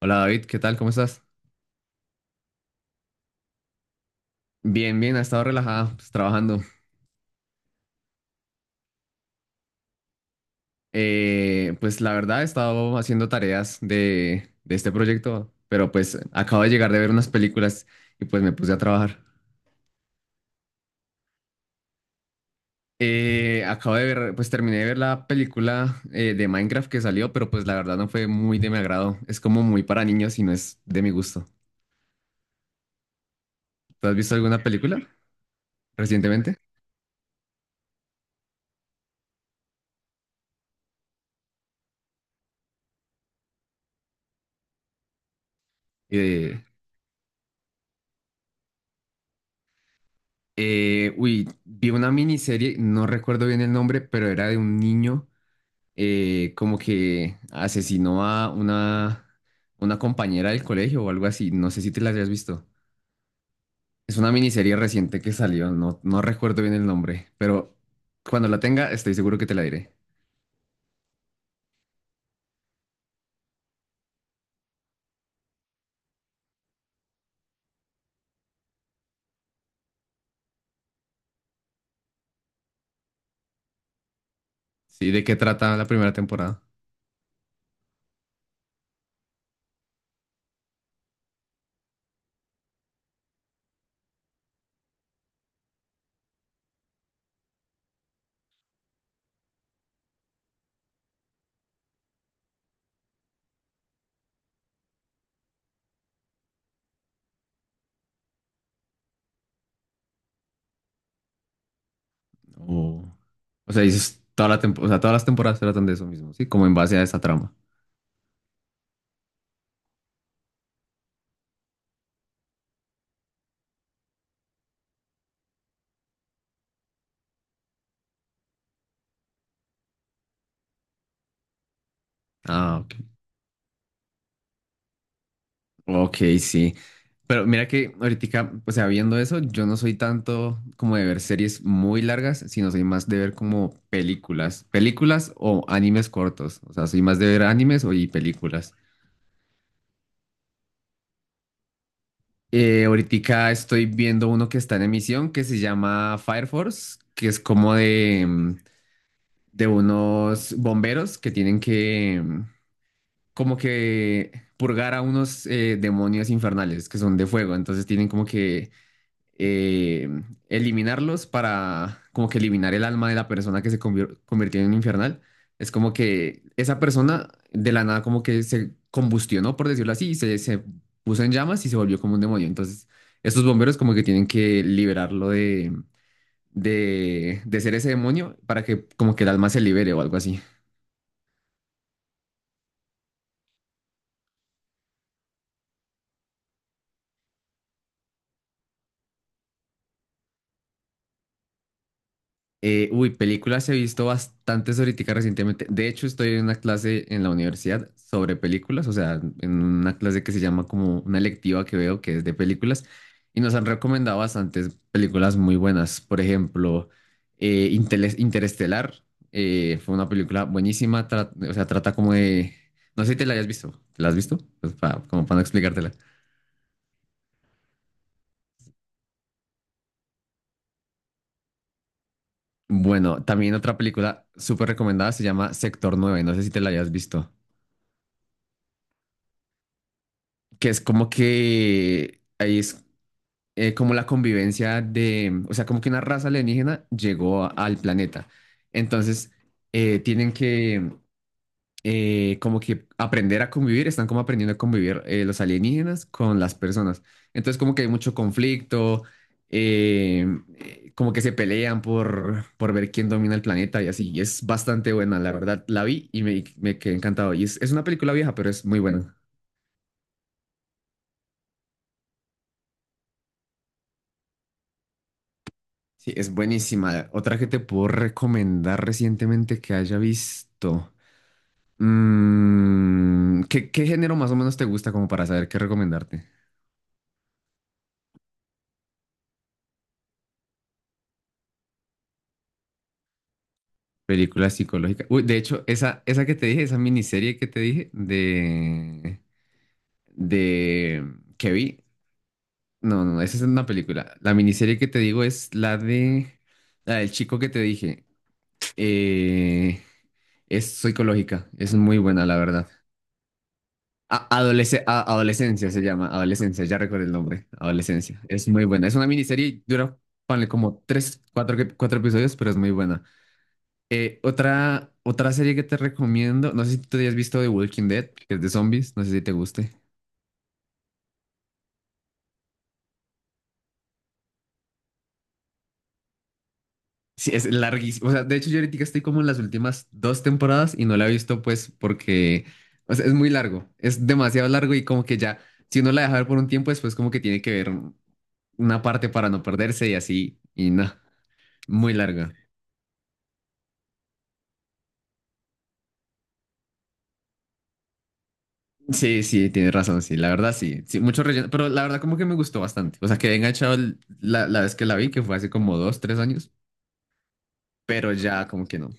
Hola David, ¿qué tal? ¿Cómo estás? Bien, bien, ha estado relajada, pues, trabajando. Pues la verdad he estado haciendo tareas de este proyecto, pero pues acabo de llegar de ver unas películas y pues me puse a trabajar. Acabo de ver, pues terminé de ver la película de Minecraft que salió, pero pues la verdad no fue muy de mi agrado. Es como muy para niños y no es de mi gusto. ¿Tú has visto alguna película recientemente? Eh, uy, vi una miniserie, no recuerdo bien el nombre, pero era de un niño como que asesinó a una compañera del colegio o algo así. No sé si te la hayas visto. Es una miniserie reciente que salió, no, no recuerdo bien el nombre, pero cuando la tenga estoy seguro que te la diré. Sí, ¿de qué trata la primera temporada? O, o sea, dices toda o sea, todas las temporadas tratan de eso mismo, ¿sí? Como en base a esa trama. Ah, ok. Ok, sí. Pero mira que ahorita, o sea, viendo eso, yo no soy tanto como de ver series muy largas, sino soy más de ver como películas, películas o animes cortos. O sea, soy más de ver animes o y películas. Ahorita estoy viendo uno que está en emisión que se llama Fire Force, que es como de unos bomberos que tienen que como que purgar a unos demonios infernales que son de fuego. Entonces tienen como que eh, eliminarlos para como que eliminar el alma de la persona que se convirtió en infernal. Es como que esa persona de la nada como que se combustionó, por decirlo así, y se puso en llamas y se volvió como un demonio. Entonces, estos bomberos como que tienen que liberarlo de ser ese demonio para que como que el alma se libere o algo así. Uy, películas he visto bastantes ahorita recientemente. De hecho, estoy en una clase en la universidad sobre películas, o sea, en una clase que se llama como una electiva que veo que es de películas, y nos han recomendado bastantes películas muy buenas. Por ejemplo, Interestelar, fue una película buenísima, o sea, trata como de. No sé si te la hayas visto, ¿te la has visto? Pues como para no explicártela. Bueno, también otra película súper recomendada se llama Sector Nueve. No sé si te la hayas visto. Que es como que ahí es como la convivencia de, o sea, como que una raza alienígena llegó al planeta. Entonces, tienen que como que aprender a convivir, están como aprendiendo a convivir los alienígenas con las personas. Entonces, como que hay mucho conflicto, eh, como que se pelean por ver quién domina el planeta y así. Y es bastante buena, la verdad. La vi y me quedé encantado. Y es una película vieja, pero es muy buena. Sí, es buenísima. Otra que te puedo recomendar recientemente que haya visto. ¿Qué, qué género más o menos te gusta como para saber qué recomendarte? Película psicológica. Uy, de hecho, esa que te dije, esa miniserie que te dije de que vi. No, no, esa es una película. La miniserie que te digo es la de la del chico que te dije. Eh, es psicológica. Es muy buena, la verdad. Adolescencia se llama, adolescencia, ya recuerdo el nombre, adolescencia. Es muy buena, es una miniserie y dura, ponle como tres, cuatro, cuatro episodios, pero es muy buena. Otra serie que te recomiendo, no sé si tú te hayas visto The Walking Dead, que es de zombies, no sé si te guste. Sí, es larguísimo. O sea, de hecho yo ahorita estoy como en las últimas dos temporadas y no la he visto pues porque, o sea, es muy largo, es demasiado largo y como que ya, si uno la deja ver por un tiempo, después como que tiene que ver una parte para no perderse y así, y no, muy larga. Sí, sí, tienes razón, sí, la verdad sí, sí, mucho relleno, pero la verdad como que me gustó bastante, o sea, quedé enganchado la vez que la vi, que fue hace como dos, tres años, pero ya como que no,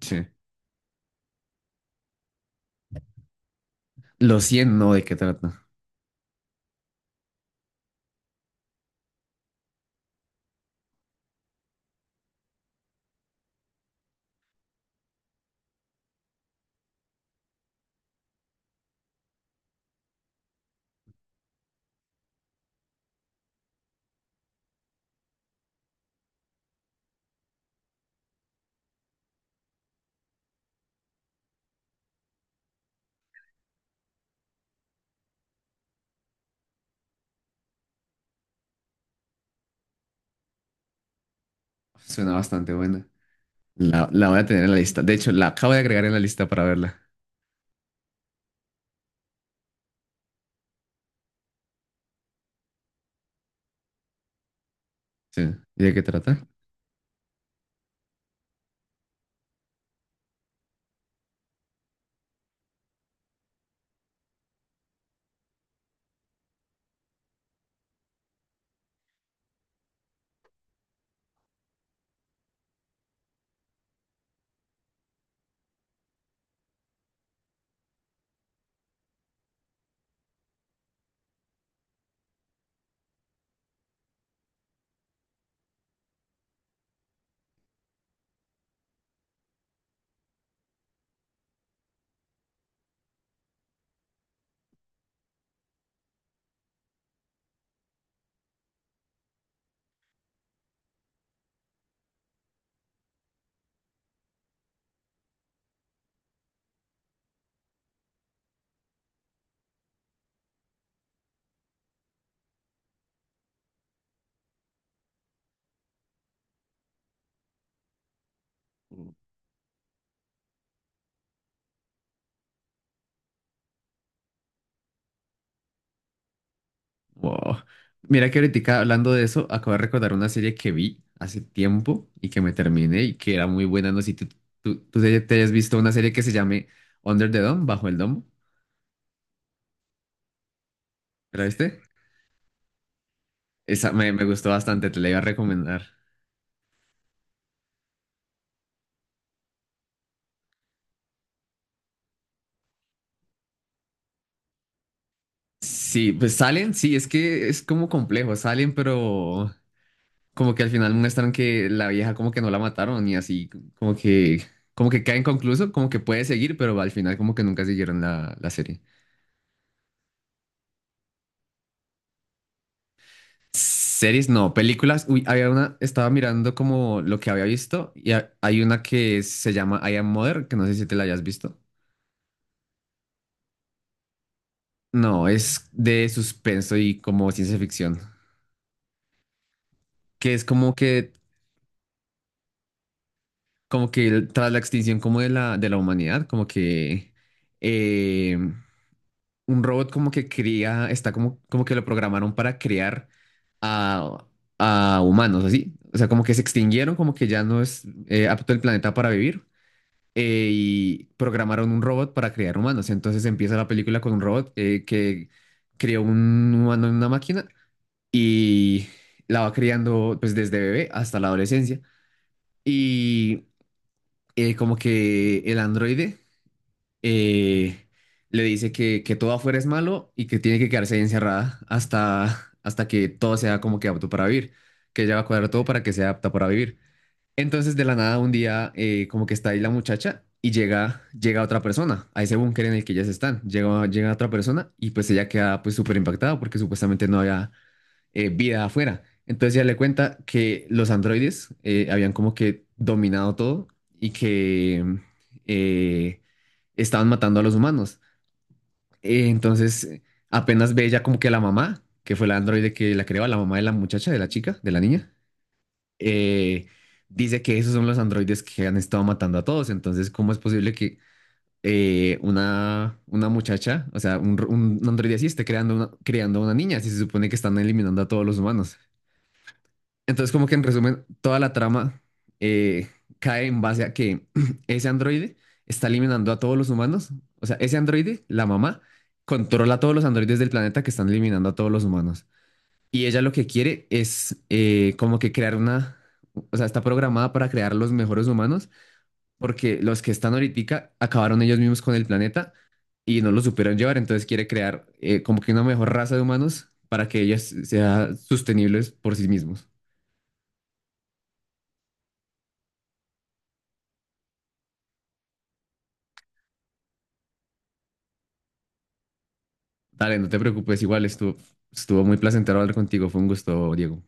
sí. Los 100 no, ¿de qué trata? Suena bastante buena, la voy a tener en la lista, de hecho, la acabo de agregar en la lista para verla, sí, ¿y de qué trata? Wow. Mira que ahorita hablando de eso, acabo de recordar una serie que vi hace tiempo y que me terminé y que era muy buena, no sé si tú te hayas visto una serie que se llame Under the Dome, Bajo el Domo, ¿la viste? Esa me gustó bastante, te la iba a recomendar. Sí, pues salen, sí, es que es como complejo, salen, pero como que al final muestran que la vieja como que no la mataron y así, como que, como que cae inconcluso, como que puede seguir, pero al final como que nunca siguieron la serie. Series no, películas, uy, había una, estaba mirando como lo que había visto y hay una que se llama I Am Mother, que no sé si te la hayas visto. No, es de suspenso y como ciencia ficción, que es como que tras la extinción como de la humanidad, como que eh, un robot como que cría, está como que lo programaron para crear a, a humanos, así. O sea, como que se extinguieron, como que ya no es apto el planeta para vivir. Y programaron un robot para crear humanos. Entonces empieza la película con un robot que creó un humano en una máquina y la va criando pues desde bebé hasta la adolescencia. Y como que el androide eh, le dice que todo afuera es malo y que tiene que quedarse ahí encerrada hasta que todo sea como que apto para vivir, que ella va a cuadrar todo para que sea apta para vivir. Entonces, de la nada, un día, como que está ahí la muchacha y llega otra persona a ese búnker en el que ellas están. Llega otra persona y pues ella queda pues súper impactada porque supuestamente no había vida afuera. Entonces ya le cuenta que los androides habían como que dominado todo y que eh, estaban matando a los humanos. Entonces apenas ve ella como que la mamá, que fue la androide que la creó, la mamá de la muchacha, de la chica, de la niña, eh, dice que esos son los androides que han estado matando a todos. Entonces, ¿cómo es posible que una muchacha, o sea, un androide así esté creando una, niña si se supone que están eliminando a todos los humanos? Entonces, como que en resumen, toda la trama eh, cae en base a que ese androide está eliminando a todos los humanos. O sea, ese androide, la mamá, controla a todos los androides del planeta que están eliminando a todos los humanos. Y ella lo que quiere es como que crear una. O sea, está programada para crear los mejores humanos porque los que están ahorita acabaron ellos mismos con el planeta y no lo supieron llevar. Entonces quiere crear como que una mejor raza de humanos para que ellos sean sostenibles por sí mismos. Dale, no te preocupes, igual estuvo, muy placentero hablar contigo, fue un gusto, Diego.